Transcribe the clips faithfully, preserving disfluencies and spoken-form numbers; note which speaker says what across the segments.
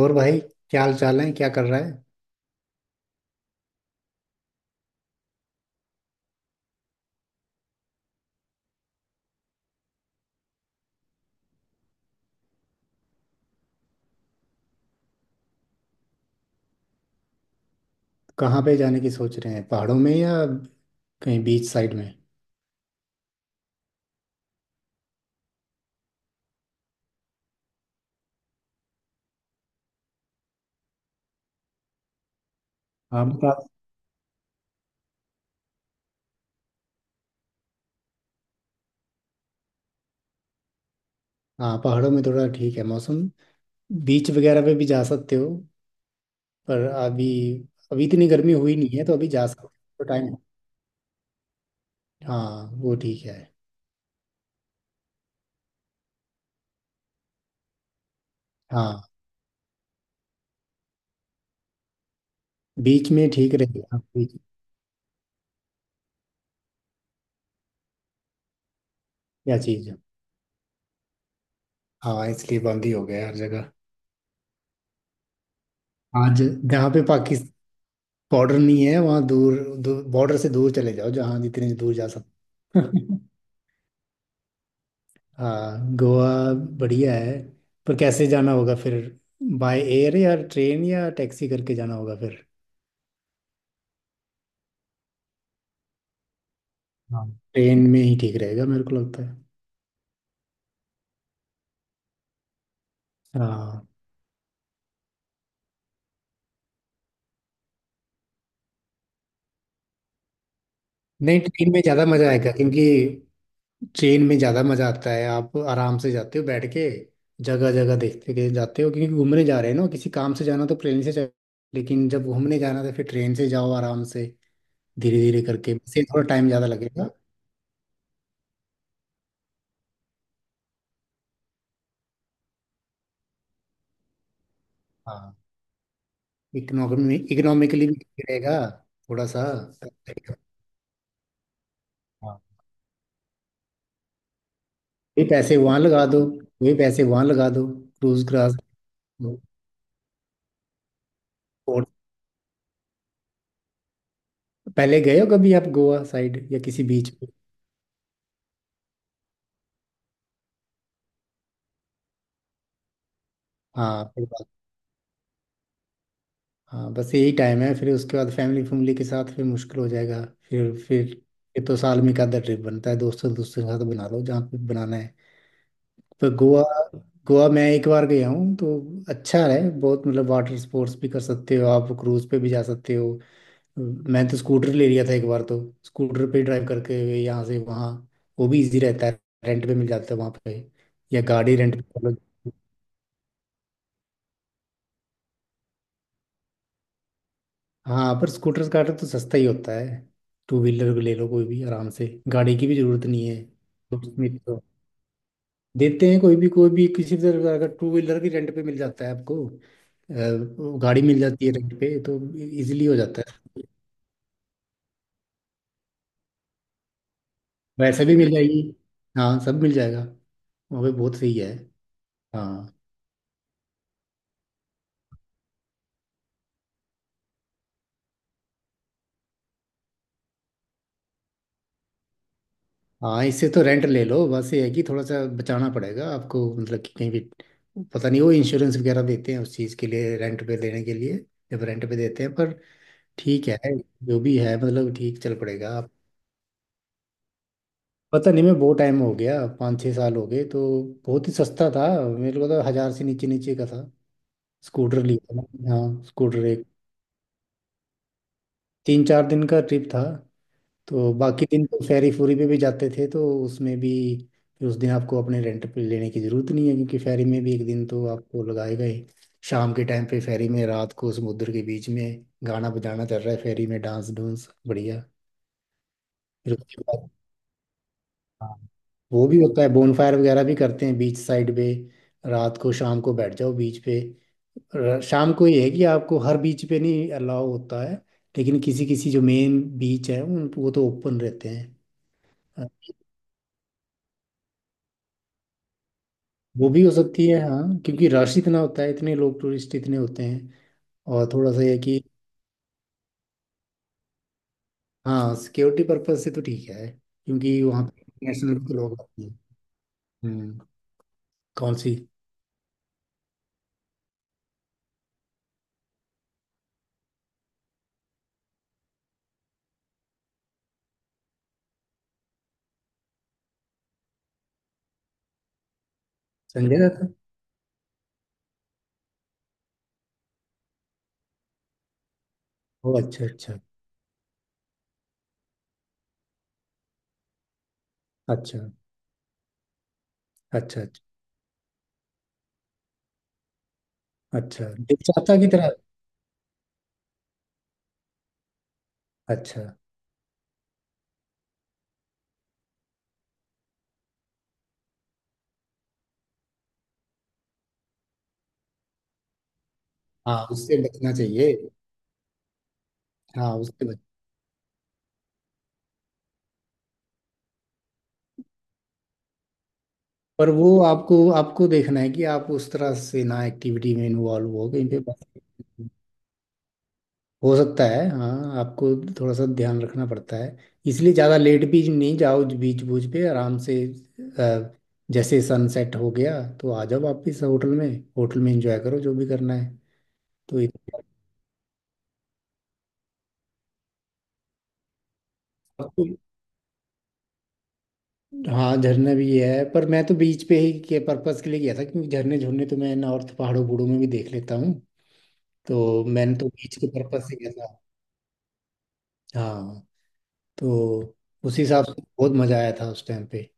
Speaker 1: और भाई, क्या हाल चाल है? क्या कर रहा है? कहाँ पे जाने की सोच रहे हैं, पहाड़ों में या कहीं बीच साइड में? हाँ बता। हाँ, पहाड़ों में थोड़ा ठीक है मौसम। बीच वगैरह पे भी जा सकते हो, पर अभी अभी इतनी गर्मी हुई नहीं है तो अभी जा सकते हो। टाइम है। हाँ वो ठीक है। हाँ, बीच में ठीक रहेगा बीच। क्या चीज़ है? हाँ, इसलिए बंद ही हो गया हर जगह। आज जहाँ पे पाकिस्तान बॉर्डर नहीं है वहाँ दूर, दूर बॉर्डर से दूर चले जाओ जहाँ जितने दूर जा सकते हाँ गोवा, बढ़िया है। पर कैसे जाना होगा फिर? बाय एयर या ट्रेन या टैक्सी करके जाना होगा फिर। हाँ, ट्रेन में ही ठीक रहेगा मेरे को लगता है। हाँ नहीं, ट्रेन में ज़्यादा मज़ा आएगा, क्योंकि ट्रेन में ज़्यादा मज़ा आता है। आप आराम से जाते हो बैठ के, जगह जगह देखते के जाते हो। क्योंकि घूमने जा रहे हैं ना, किसी काम से जाना तो ट्रेन से जाओ, लेकिन जब घूमने जाना तो फिर ट्रेन से जाओ आराम से, धीरे धीरे करके। इससे थोड़ा टाइम ज़्यादा लगेगा। हाँ, इकोनॉमी इकोनॉमिकली भी ठीक रहेगा थोड़ा सा। हाँ। ये पैसे वहां लगा दो, ये पैसे वहां लगा दो। क्रूज क्रास और पहले गए हो कभी आप गोवा साइड या किसी बीच पे? हाँ फिर बात- हाँ, बस यही टाइम है, फिर उसके बाद फैमिली, फैमिली के साथ फिर मुश्किल हो जाएगा। फिर फिर ये तो साल में एक आधा ट्रिप बनता है दोस्तों, दोस्तों के साथ बना लो जहाँ पे बनाना है। पर गोवा, गोवा मैं एक बार गया हूँ तो। अच्छा है बहुत, मतलब वाटर स्पोर्ट्स भी कर सकते हो, आप क्रूज पे भी जा सकते हो। मैं तो स्कूटर ले लिया था एक बार तो। स्कूटर पे ड्राइव करके हुए यहाँ से वहाँ, वो भी इजी रहता है। रेंट पे मिल जाता है वहाँ पे, या गाड़ी रेंट पे कर लो। हाँ, पर स्कूटर का तो सस्ता ही होता है। टू व्हीलर ले लो कोई भी आराम से, गाड़ी की भी जरूरत नहीं है। दोस्त मित्र तो देते हैं कोई भी, कोई भी किसी भी तरह का टू व्हीलर भी रेंट पे मिल जाता है आपको। अ, गाड़ी मिल जाती है रेंट पे तो, इजीली हो जाता है। वैसे भी मिल जाएगी, हाँ सब मिल जाएगा। वहाँ पे बहुत सही है। हाँ। हाँ, इससे तो रेंट ले लो, बस ये है कि थोड़ा सा बचाना पड़ेगा आपको, मतलब कि कहीं भी। पता नहीं वो इंश्योरेंस वगैरह देते हैं उस चीज़ के लिए, रेंट पे देने के लिए जब रेंट पे देते हैं, पर ठीक है। जो भी है मतलब ठीक चल पड़ेगा आप। पता नहीं, मैं बहुत टाइम हो गया, पाँच छः साल हो गए तो। बहुत ही सस्ता था मेरे को तो, हज़ार से नीचे नीचे का था। स्कूटर लिया था मैंने, हाँ स्कूटर एक। तीन चार दिन का ट्रिप था, तो बाकी दिन तो फेरी फूरी पे भी जाते थे, तो उसमें भी फिर उस दिन आपको अपने रेंट पे लेने की ज़रूरत नहीं है, क्योंकि फेरी में भी एक दिन तो आपको लगाएगा ही। शाम के टाइम पे फेरी में, रात को समुद्र के बीच में गाना बजाना चल रहा है फेरी में, डांस डूंस बढ़िया। फिर उसके बाद हाँ, वो भी होता है, बोनफायर वगैरह भी करते हैं बीच साइड पे। रात को शाम को बैठ जाओ बीच पे। र- शाम को ये है कि आपको हर बीच पे नहीं अलाउ होता है, लेकिन किसी किसी जो मेन बीच है उन, वो तो ओपन रहते हैं। वो भी हो सकती है हाँ, क्योंकि रश इतना होता है, इतने लोग टूरिस्ट इतने होते हैं, और थोड़ा सा ये कि। हाँ, सिक्योरिटी पर्पज से तो ठीक है, क्योंकि वहाँ पे इंटरनेशनल भी तो लोग आते हैं। हम्म। कौन सी? संजय दत्त? ओ अच्छा अच्छा। अच्छा अच्छा। अच्छा अच्छा। देवचाता की तरह। अच्छा। हाँ, उससे बचना चाहिए। हाँ उससे बच, पर वो आपको, आपको देखना है कि आप उस तरह से ना एक्टिविटी में इन्वॉल्व हो कहीं पे, बस। हो सकता है, हाँ। आपको थोड़ा सा ध्यान रखना पड़ता है, इसलिए ज़्यादा लेट भी नहीं जाओ बीच बूच पे। आराम से अ, जैसे सनसेट हो गया तो आ जाओ वापस होटल में। होटल में एंजॉय करो जो भी करना है। तो इधर हाँ, झरना भी है, पर मैं तो बीच पे ही के पर्पस के लिए गया था, क्योंकि झरने झुरने तो मैं नॉर्थ पहाड़ों बूढ़ों में भी देख लेता हूँ। तो मैंने तो बीच के पर्पस से गया था। हाँ तो उस हिसाब से बहुत मज़ा आया था उस टाइम पे।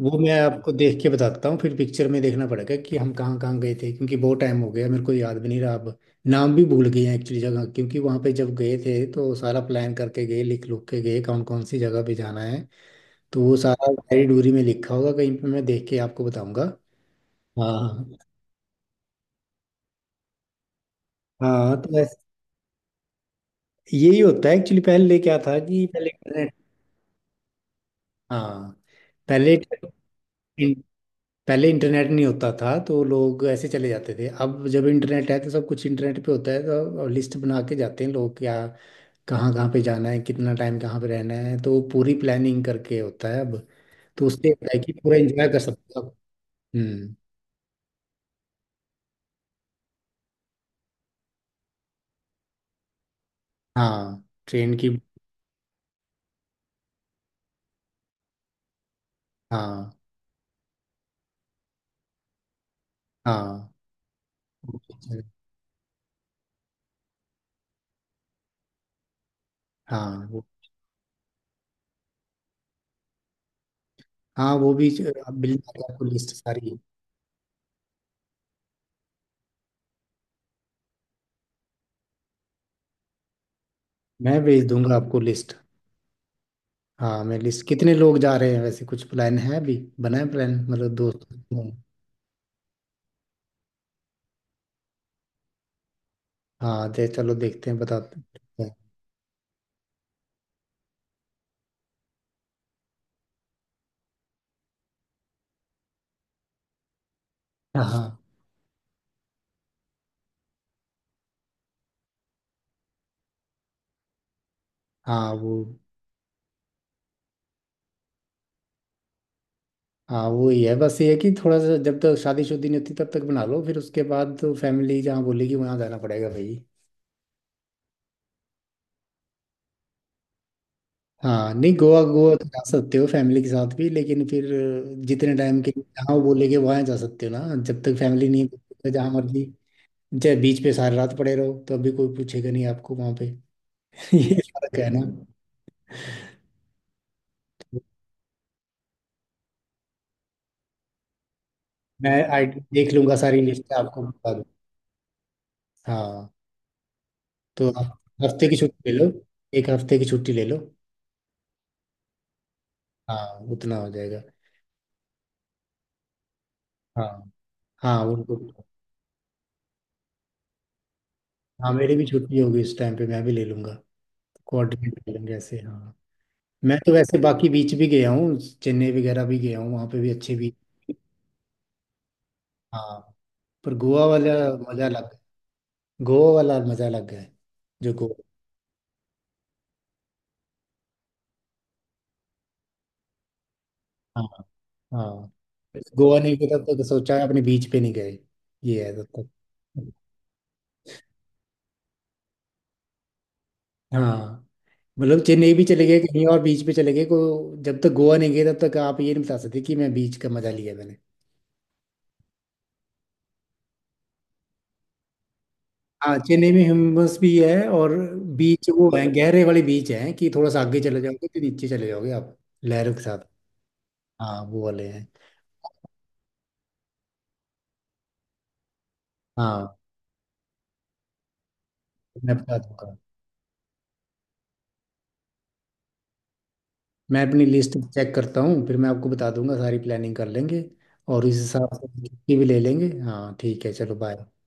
Speaker 1: वो मैं आपको देख के बताता हूँ, फिर पिक्चर में देखना पड़ेगा कि हम कहाँ कहाँ गए थे, क्योंकि बहुत टाइम हो गया, मेरे को याद भी नहीं रहा अब। नाम भी भूल गए हैं एक्चुअली जगह, क्योंकि वहाँ पे जब गए थे तो सारा प्लान करके गए, लिख लुख के गए कौन कौन सी जगह पे जाना है। तो वो सारा डायरी डूरी में लिखा होगा कहीं पे, मैं देख के आपको बताऊंगा। हाँ। हाँ तो ऐस- यही होता है एक्चुअली। पहले क्या था कि पहले इंटरनेट, हाँ पहले इन- पहले इंटरनेट नहीं होता था तो लोग ऐसे चले जाते थे। अब जब इंटरनेट है तो सब कुछ इंटरनेट पे होता है, तो लिस्ट बना के जाते हैं लोग क्या, कहाँ कहाँ पे जाना है, कितना टाइम कहाँ पे रहना है, तो पूरी प्लानिंग करके होता है अब। तो उससे होता है कि पूरा एंजॉय कर सकते हो। हम्म। हाँ ट्रेन की। हाँ। हाँ। हाँ वो, हाँ वो भी मिल जाएगा आपको, लिस्ट सारी मैं भेज दूंगा आपको, लिस्ट। हाँ मैं लिस्ट। कितने लोग जा रहे हैं वैसे? कुछ प्लान है, अभी बना है प्लान मतलब दोस्त? हाँ दे चलो, देखते हैं बताते हैं। हाँ। हाँ वो, हाँ वो ही है, बस ये है कि थोड़ा सा जब तक शादीशुदी नहीं होती तब तक बना लो, फिर उसके बाद तो फैमिली जहाँ बोलेगी वहाँ जाना पड़ेगा भाई। हाँ नहीं, गोवा, गोवा तो जा सकते हो फैमिली के साथ भी, लेकिन फिर जितने टाइम के लिए जहाँ वो बोलेगे वहाँ जा सकते हो ना, जब तक फैमिली नहीं बोलती, तो जहाँ मर्जी चाहे बीच पे सारी रात पड़े रहो, तो अभी कोई पूछेगा नहीं आपको वहाँ पे। ये फर्क है ना। मैं आई देख लूंगा, सारी लिस्ट आपको बता दूँ। हाँ तो आप हफ्ते की छुट्टी ले लो, एक हफ्ते की छुट्टी ले लो। हाँ उतना हो जाएगा। हाँ। हाँ उनको, हाँ मेरी भी छुट्टी होगी इस टाइम पे, मैं भी ले लूंगा। कोऑर्डिनेट कर लेंगे ऐसे, हाँ। मैं तो वैसे बाकी बीच भी गया हूँ, चेन्नई वगैरह भी गया हूँ, वहाँ पे भी अच्छे बीच। हाँ, पर गोवा वाला मजा अलग है। गोवा वाला मजा अलग है। जो गोवा, हाँ। हाँ, गोवा नहीं गया तब तक सोचा अपने बीच पे नहीं गए। ये है तब तक। हाँ, मतलब चेन्नई भी चले गए, कहीं और बीच पे चले गए को, जब तक गोवा नहीं गए तब तक आप ये नहीं बता सकते कि मैं बीच का मजा लिया मैंने। हाँ, चेन्नई में ह्यूमस भी है, और बीच वो है गहरे वाले बीच हैं कि थोड़ा सा आगे चले जाओगे तो नीचे चले जाओगे आप, लहरों के साथ। हाँ वो वाले हैं। हाँ, मैं बता दूंगा, मैं अपनी लिस्ट चेक करता हूँ, फिर मैं आपको बता दूंगा, सारी प्लानिंग कर लेंगे, और इस हिसाब से छुट्टी भी ले लेंगे। हाँ ठीक है चलो बाय।